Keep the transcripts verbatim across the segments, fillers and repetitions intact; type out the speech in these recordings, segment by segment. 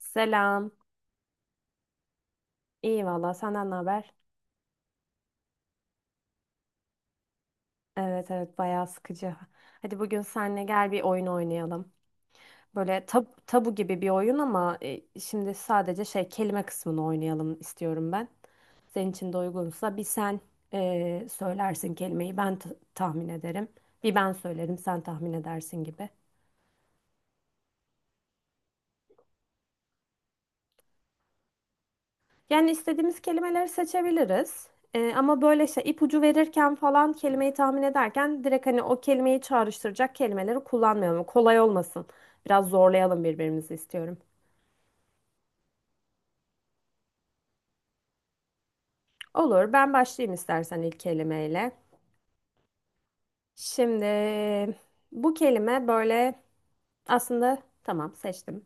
Selam. İyi valla senden ne haber? Evet evet bayağı sıkıcı. Hadi bugün seninle gel bir oyun oynayalım. Böyle tab tabu gibi bir oyun ama e, şimdi sadece şey kelime kısmını oynayalım istiyorum ben. Senin için de uygunsa bir sen e, söylersin kelimeyi, ben t- tahmin ederim. Bir ben söylerim, sen tahmin edersin gibi. Yani istediğimiz kelimeleri seçebiliriz. Ee, ama böyle şey ipucu verirken falan, kelimeyi tahmin ederken direkt hani o kelimeyi çağrıştıracak kelimeleri kullanmayalım. Kolay olmasın. Biraz zorlayalım birbirimizi istiyorum. Olur, ben başlayayım istersen ilk kelimeyle. Şimdi bu kelime böyle, aslında, tamam, seçtim.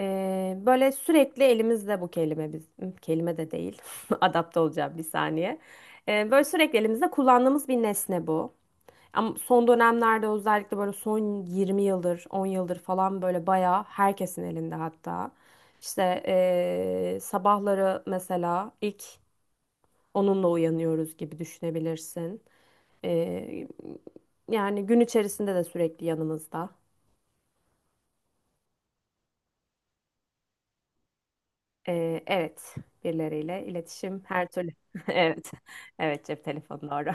Ee, böyle sürekli elimizde bu kelime, biz kelime de değil. Adapte olacağım bir saniye. Ee, böyle sürekli elimizde kullandığımız bir nesne bu. Ama son dönemlerde, özellikle böyle son yirmi yıldır, on yıldır falan, böyle bayağı herkesin elinde hatta. İşte eee, sabahları mesela ilk onunla uyanıyoruz gibi düşünebilirsin. Eee, yani gün içerisinde de sürekli yanımızda. Eee, evet, birileriyle iletişim her türlü. Evet, evet, cep telefonu doğru.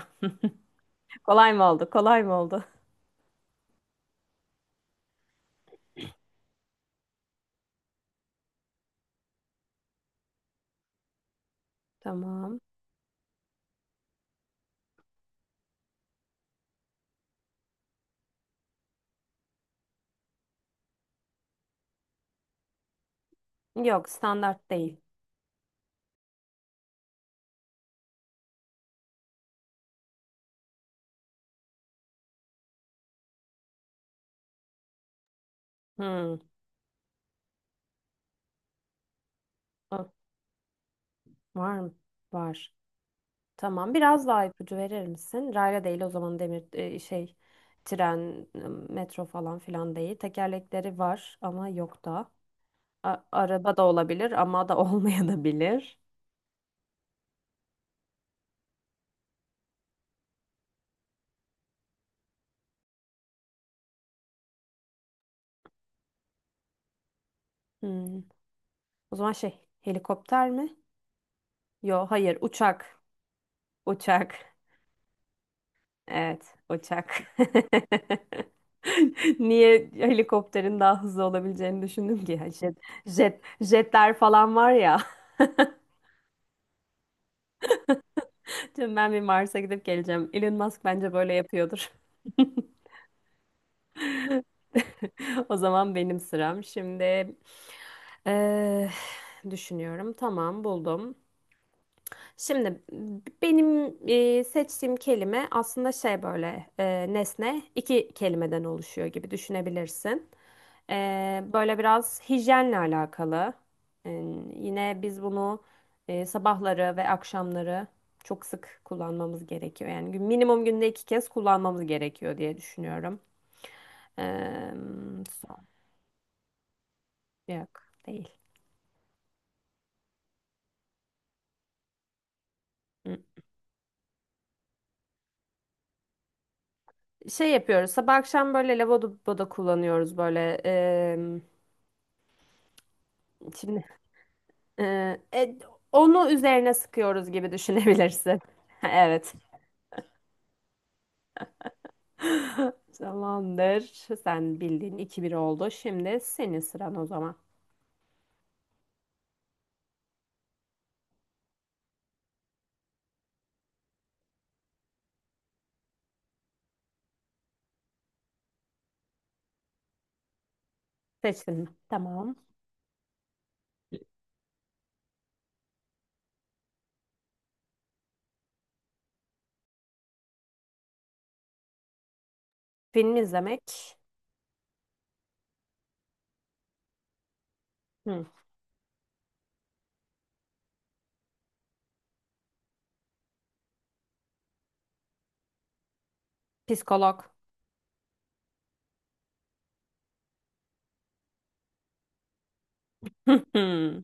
Kolay mı oldu? Kolay mı oldu? Tamam. Yok, standart değil. Hmm. Ah, var mı? Var. Tamam. Biraz daha ipucu verir misin? Rayla değil o zaman, demir e, şey, tren, e, metro falan filan değil. Tekerlekleri var ama yok da. A- araba da olabilir ama da olmayabilir. Hmm. O zaman şey, helikopter mi? Yo hayır, uçak. Uçak. Evet, uçak. Niye helikopterin daha hızlı olabileceğini düşündüm ki? Jet, jet, jetler falan var ya. Şimdi ben bir Mars'a gidip geleceğim. Elon Musk bence böyle yapıyordur. O zaman benim sıram. Şimdi eh, düşünüyorum. Tamam, buldum. Şimdi benim e, seçtiğim kelime aslında şey, böyle e, nesne, iki kelimeden oluşuyor gibi düşünebilirsin. E, böyle biraz hijyenle alakalı. E, Yine biz bunu e, sabahları ve akşamları çok sık kullanmamız gerekiyor. Yani gün- minimum günde iki kez kullanmamız gerekiyor diye düşünüyorum. E, son- yok değil. Hı. Şey yapıyoruz, sabah akşam böyle lavaboda kullanıyoruz böyle. E, şimdi Ee, e, onu üzerine sıkıyoruz gibi düşünebilirsin. Evet. Tamamdır. Sen bildiğin iki bir oldu. Şimdi senin sıran o zaman. Seçtin mi? Tamam. Film izlemek. Hı. Psikolog. Hı.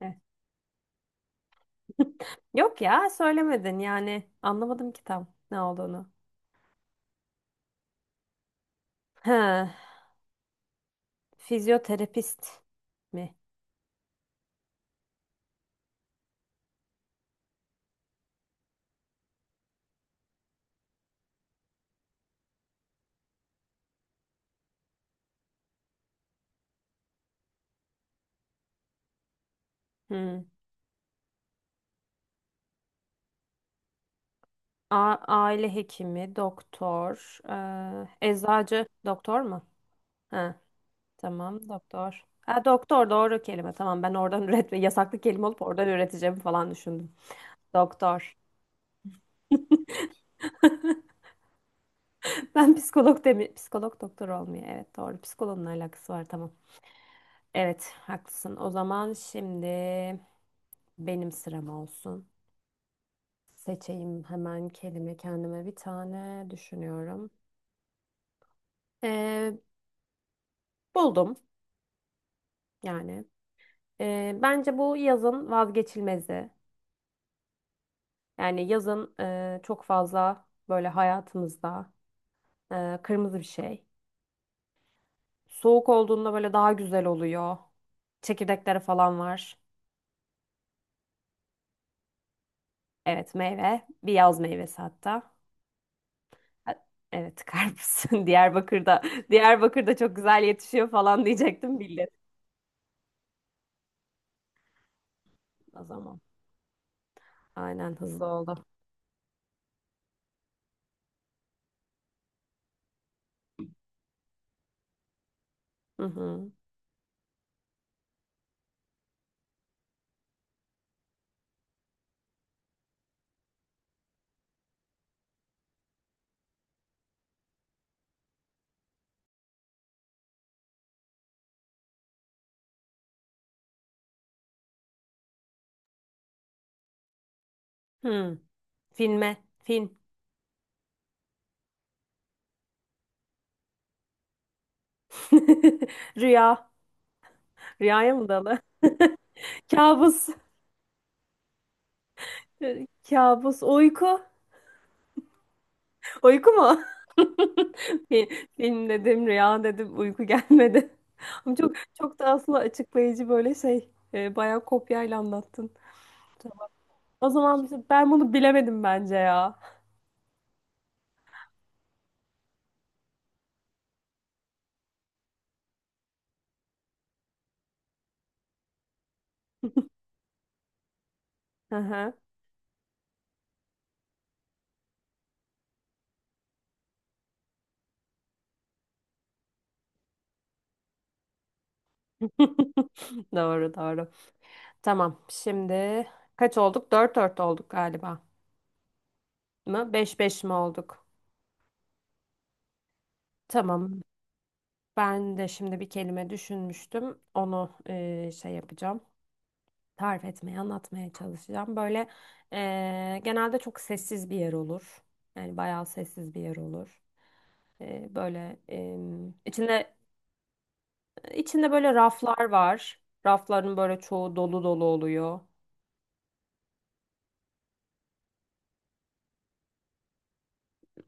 Evet. Yok ya, söylemedin yani. Anlamadım ki tam ne olduğunu. Ha, fizyoterapist mi? Hı. A- aile hekimi, doktor, e, eczacı, doktor mu? Ha. Tamam, doktor. Ha, doktor doğru kelime. Tamam, ben oradan üretme, yasaklı kelime olup oradan üreteceğim falan düşündüm. Doktor. Ben psikolog demi, psikolog doktor olmuyor. Evet, doğru. Psikoloğun alakası var, tamam. Evet, haklısın. O zaman şimdi benim sıram olsun. Seçeyim hemen kelime, kendime bir tane düşünüyorum. Ee, Buldum yani. Ee, bence bu yazın vazgeçilmezi. Yani yazın e, çok fazla böyle hayatımızda. Ee, kırmızı bir şey. Soğuk olduğunda böyle daha güzel oluyor. Çekirdekleri falan var. Evet, meyve. Bir yaz meyvesi hatta. Ha- Evet, karpuz. Diyarbakır'da. Diyarbakır'da çok güzel yetişiyor falan diyecektim. Bildim o zaman. Aynen, hızlı ol. Hı hı. Hı. Filme. Film. Rüya. Rüyaya mı dalı? Kabus. Kabus. Uyku. Uyku mu? Fi- Film dedim, rüya dedim, uyku gelmedi. Ama çok çok da aslında açıklayıcı böyle şey, e, bayağı kopyayla anlattın. Tamam. O zaman biz- ben bunu bilemedim bence ya. Hı hı. Doğru, doğru. Tamam. Şimdi kaç olduk? Dört dört olduk galiba. Mı? Beş beş mi olduk? Tamam. Ben de şimdi bir kelime düşünmüştüm. Onu e, şey yapacağım, tarif etmeye, anlatmaya çalışacağım. Böyle eee, genelde çok sessiz bir yer olur. Yani bayağı sessiz bir yer olur. Eee, böyle em, içinde içinde böyle raflar var. Rafların böyle çoğu dolu dolu oluyor.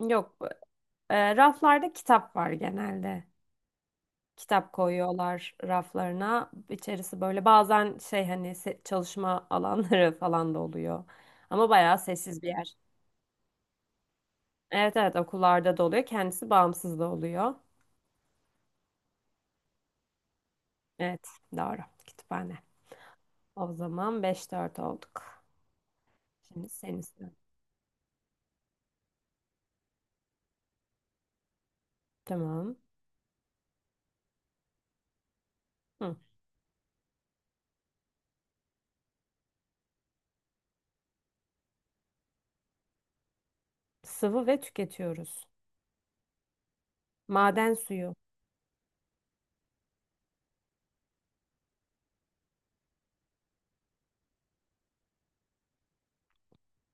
Yok, eee, raflarda kitap var genelde. Kitap koyuyorlar raflarına. İçerisi böyle bazen şey, hani se- çalışma alanları falan da oluyor. Ama bayağı sessiz bir yer. Evet evet, okullarda da oluyor. Kendisi bağımsız da oluyor. Evet, doğru. Kütüphane. O zaman beş dört olduk. Şimdi senin sıran. Tamam. Hı. Sıvı ve tüketiyoruz. Maden suyu.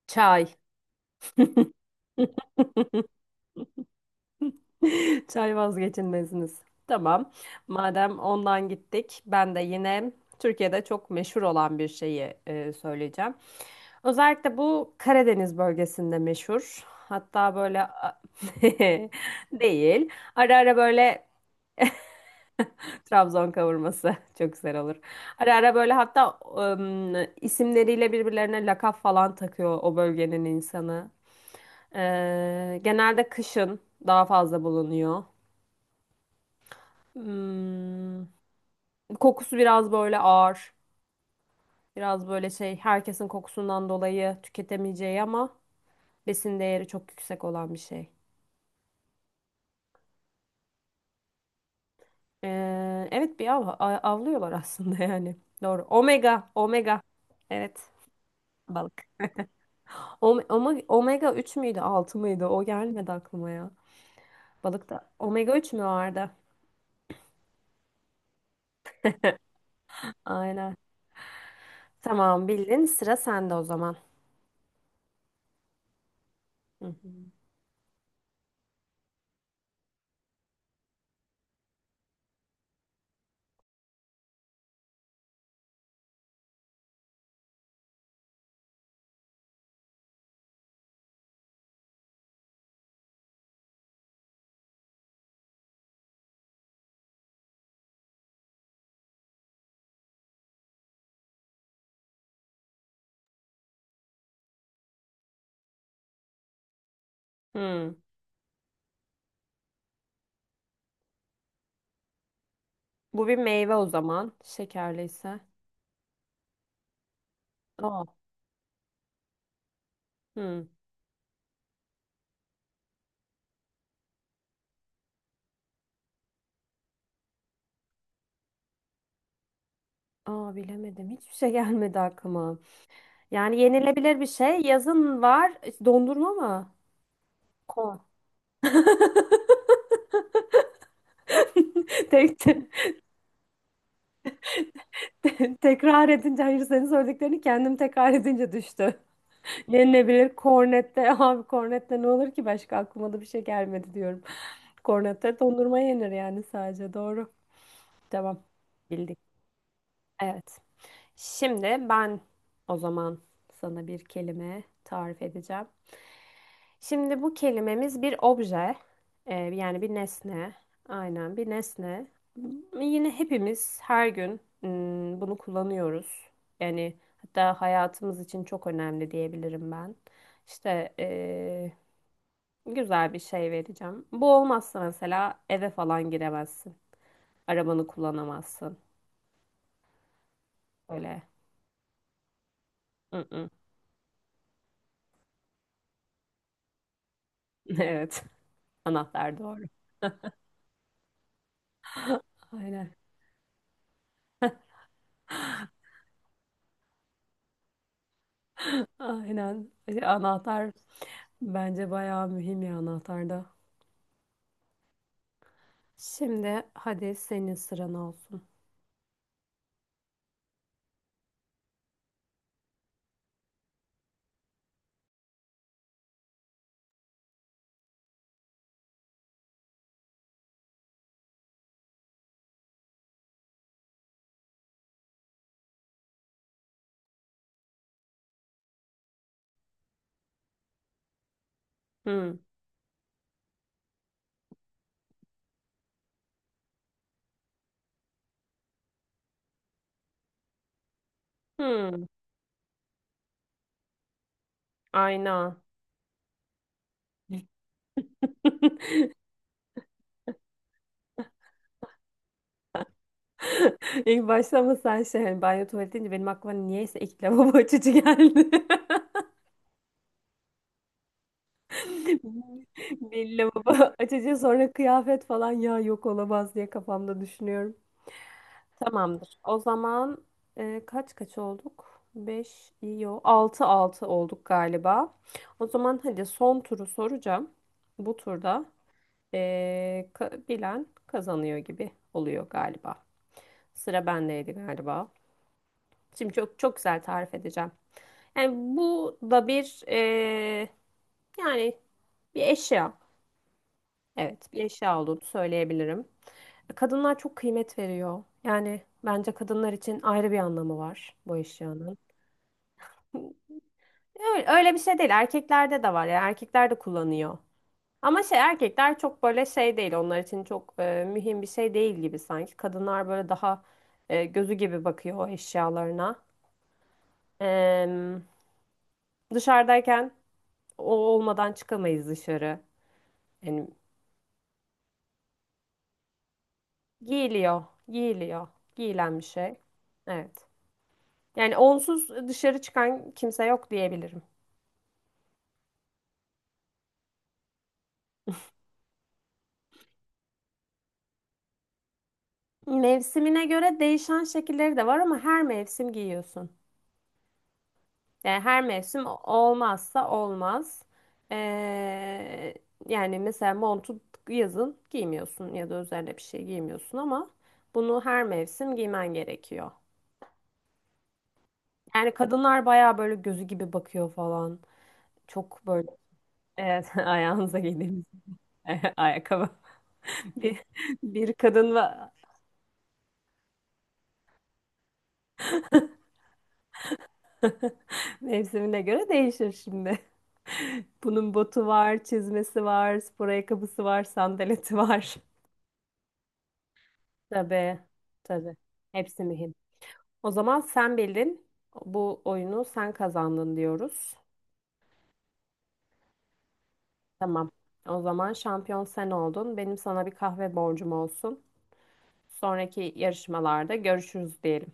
Çay. Çay vazgeçilmeziniz. Tamam. Madem ondan gittik, ben de yine Türkiye'de çok meşhur olan bir şeyi e, söyleyeceğim. Özellikle bu Karadeniz bölgesinde meşhur. Hatta böyle değil. Ara ara böyle Trabzon kavurması çok güzel olur. Ara ara böyle hatta ım, isimleriyle birbirlerine lakap falan takıyor o bölgenin insanı. Ee, genelde kışın daha fazla bulunuyor. Hmm, Kokusu biraz böyle ağır. Biraz böyle şey, herkesin kokusundan dolayı tüketemeyeceği ama besin değeri çok yüksek olan bir şey. Ee, evet, bir av- a- avlıyorlar aslında yani. Doğru. Omega, omega. Evet. Balık. Ome- Oma- Omega üç müydü, altı mıydı? O gelmedi aklıma ya. Balıkta omega üç mü vardı? Aynen. Tamam, bildin. Sıra sende o zaman. Hı hı. Hmm. Bu bir meyve o zaman. Şekerliyse. Aa. Hmm. Aa, bilemedim. Hiçbir şey gelmedi aklıma. Yani yenilebilir bir şey. Yazın var. Dondurma mı? Ko. Tek te- tekrar edince, hayır, senin söylediklerini kendim tekrar edince düştü. Yenilebilir, kornette. Abi kornette ne olur ki, başka aklıma da bir şey gelmedi diyorum. Kornette dondurma yenir yani sadece. Doğru. Devam. Bildik. Evet. Şimdi ben o zaman sana bir kelime tarif edeceğim. Şimdi bu kelimemiz bir obje. Ee, yani bir nesne. Aynen, bir nesne. M- Yine hepimiz her gün mm, bunu kullanıyoruz. Yani hatta hayatımız için çok önemli diyebilirim ben. İşte ee, güzel bir şey vereceğim. Bu olmazsa mesela eve falan giremezsin. Arabanı kullanamazsın. Öyle. Mm-mm. Evet. Anahtar doğru. Aynen. Aynen. Anahtar bence bayağı mühim ya, anahtarda. Şimdi hadi senin sıran olsun. Hmm. Hmm. Ayna. İlk başta mı sen şey, hani banyo tuvalet deyince benim aklıma niyeyse ilk lavabo açıcı geldi. Bir lavabo açıcı, sonra kıyafet falan, ya yok, olamaz, diye kafamda düşünüyorum. Tamamdır. O zaman e, kaç kaç olduk? beş, yo, altı altı olduk galiba. O zaman hadi son turu soracağım. Bu turda e, ka- bilen kazanıyor gibi oluyor galiba. Sıra bendeydi galiba. Şimdi çok çok güzel tarif edeceğim. Yani bu da bir e, yani bir eşya. Evet, bir eşya olduğunu söyleyebilirim. E, Kadınlar çok kıymet veriyor. Yani bence kadınlar için ayrı bir anlamı var bu eşyanın. Öyle, öyle bir şey değil. Erkeklerde de var. Yani erkekler de kullanıyor. Ama şey, erkekler çok böyle şey değil. Onlar için çok e, mühim bir şey değil gibi sanki. Kadınlar böyle daha e, gözü gibi bakıyor o eşyalarına. Em, Dışarıdayken o olmadan çıkamayız dışarı. Yani giyiliyor, giyiliyor, giyilen bir şey. Evet. Yani onsuz dışarı çıkan kimse yok diyebilirim. Mevsimine göre değişen şekilleri de var ama her mevsim giyiyorsun. Yani her mevsim olmazsa olmaz. Ee, Yani mesela montu yazın giymiyorsun ya da üzerine bir şey giymiyorsun ama bunu her mevsim giymen gerekiyor. Yani kadınlar bayağı böyle gözü gibi bakıyor falan. Çok böyle, evet, ayağınıza giydiğiniz ayakkabı. Bir, bir kadın var. Mevsimine göre değişir şimdi. Bunun botu var, çizmesi var, spor ayakkabısı var, sandaleti var. Tabii, tabii. Hepsi mühim. O zaman sen bildin. Bu oyunu sen kazandın diyoruz. Tamam. O zaman şampiyon sen oldun. Benim sana bir kahve borcum olsun. Sonraki yarışmalarda görüşürüz diyelim.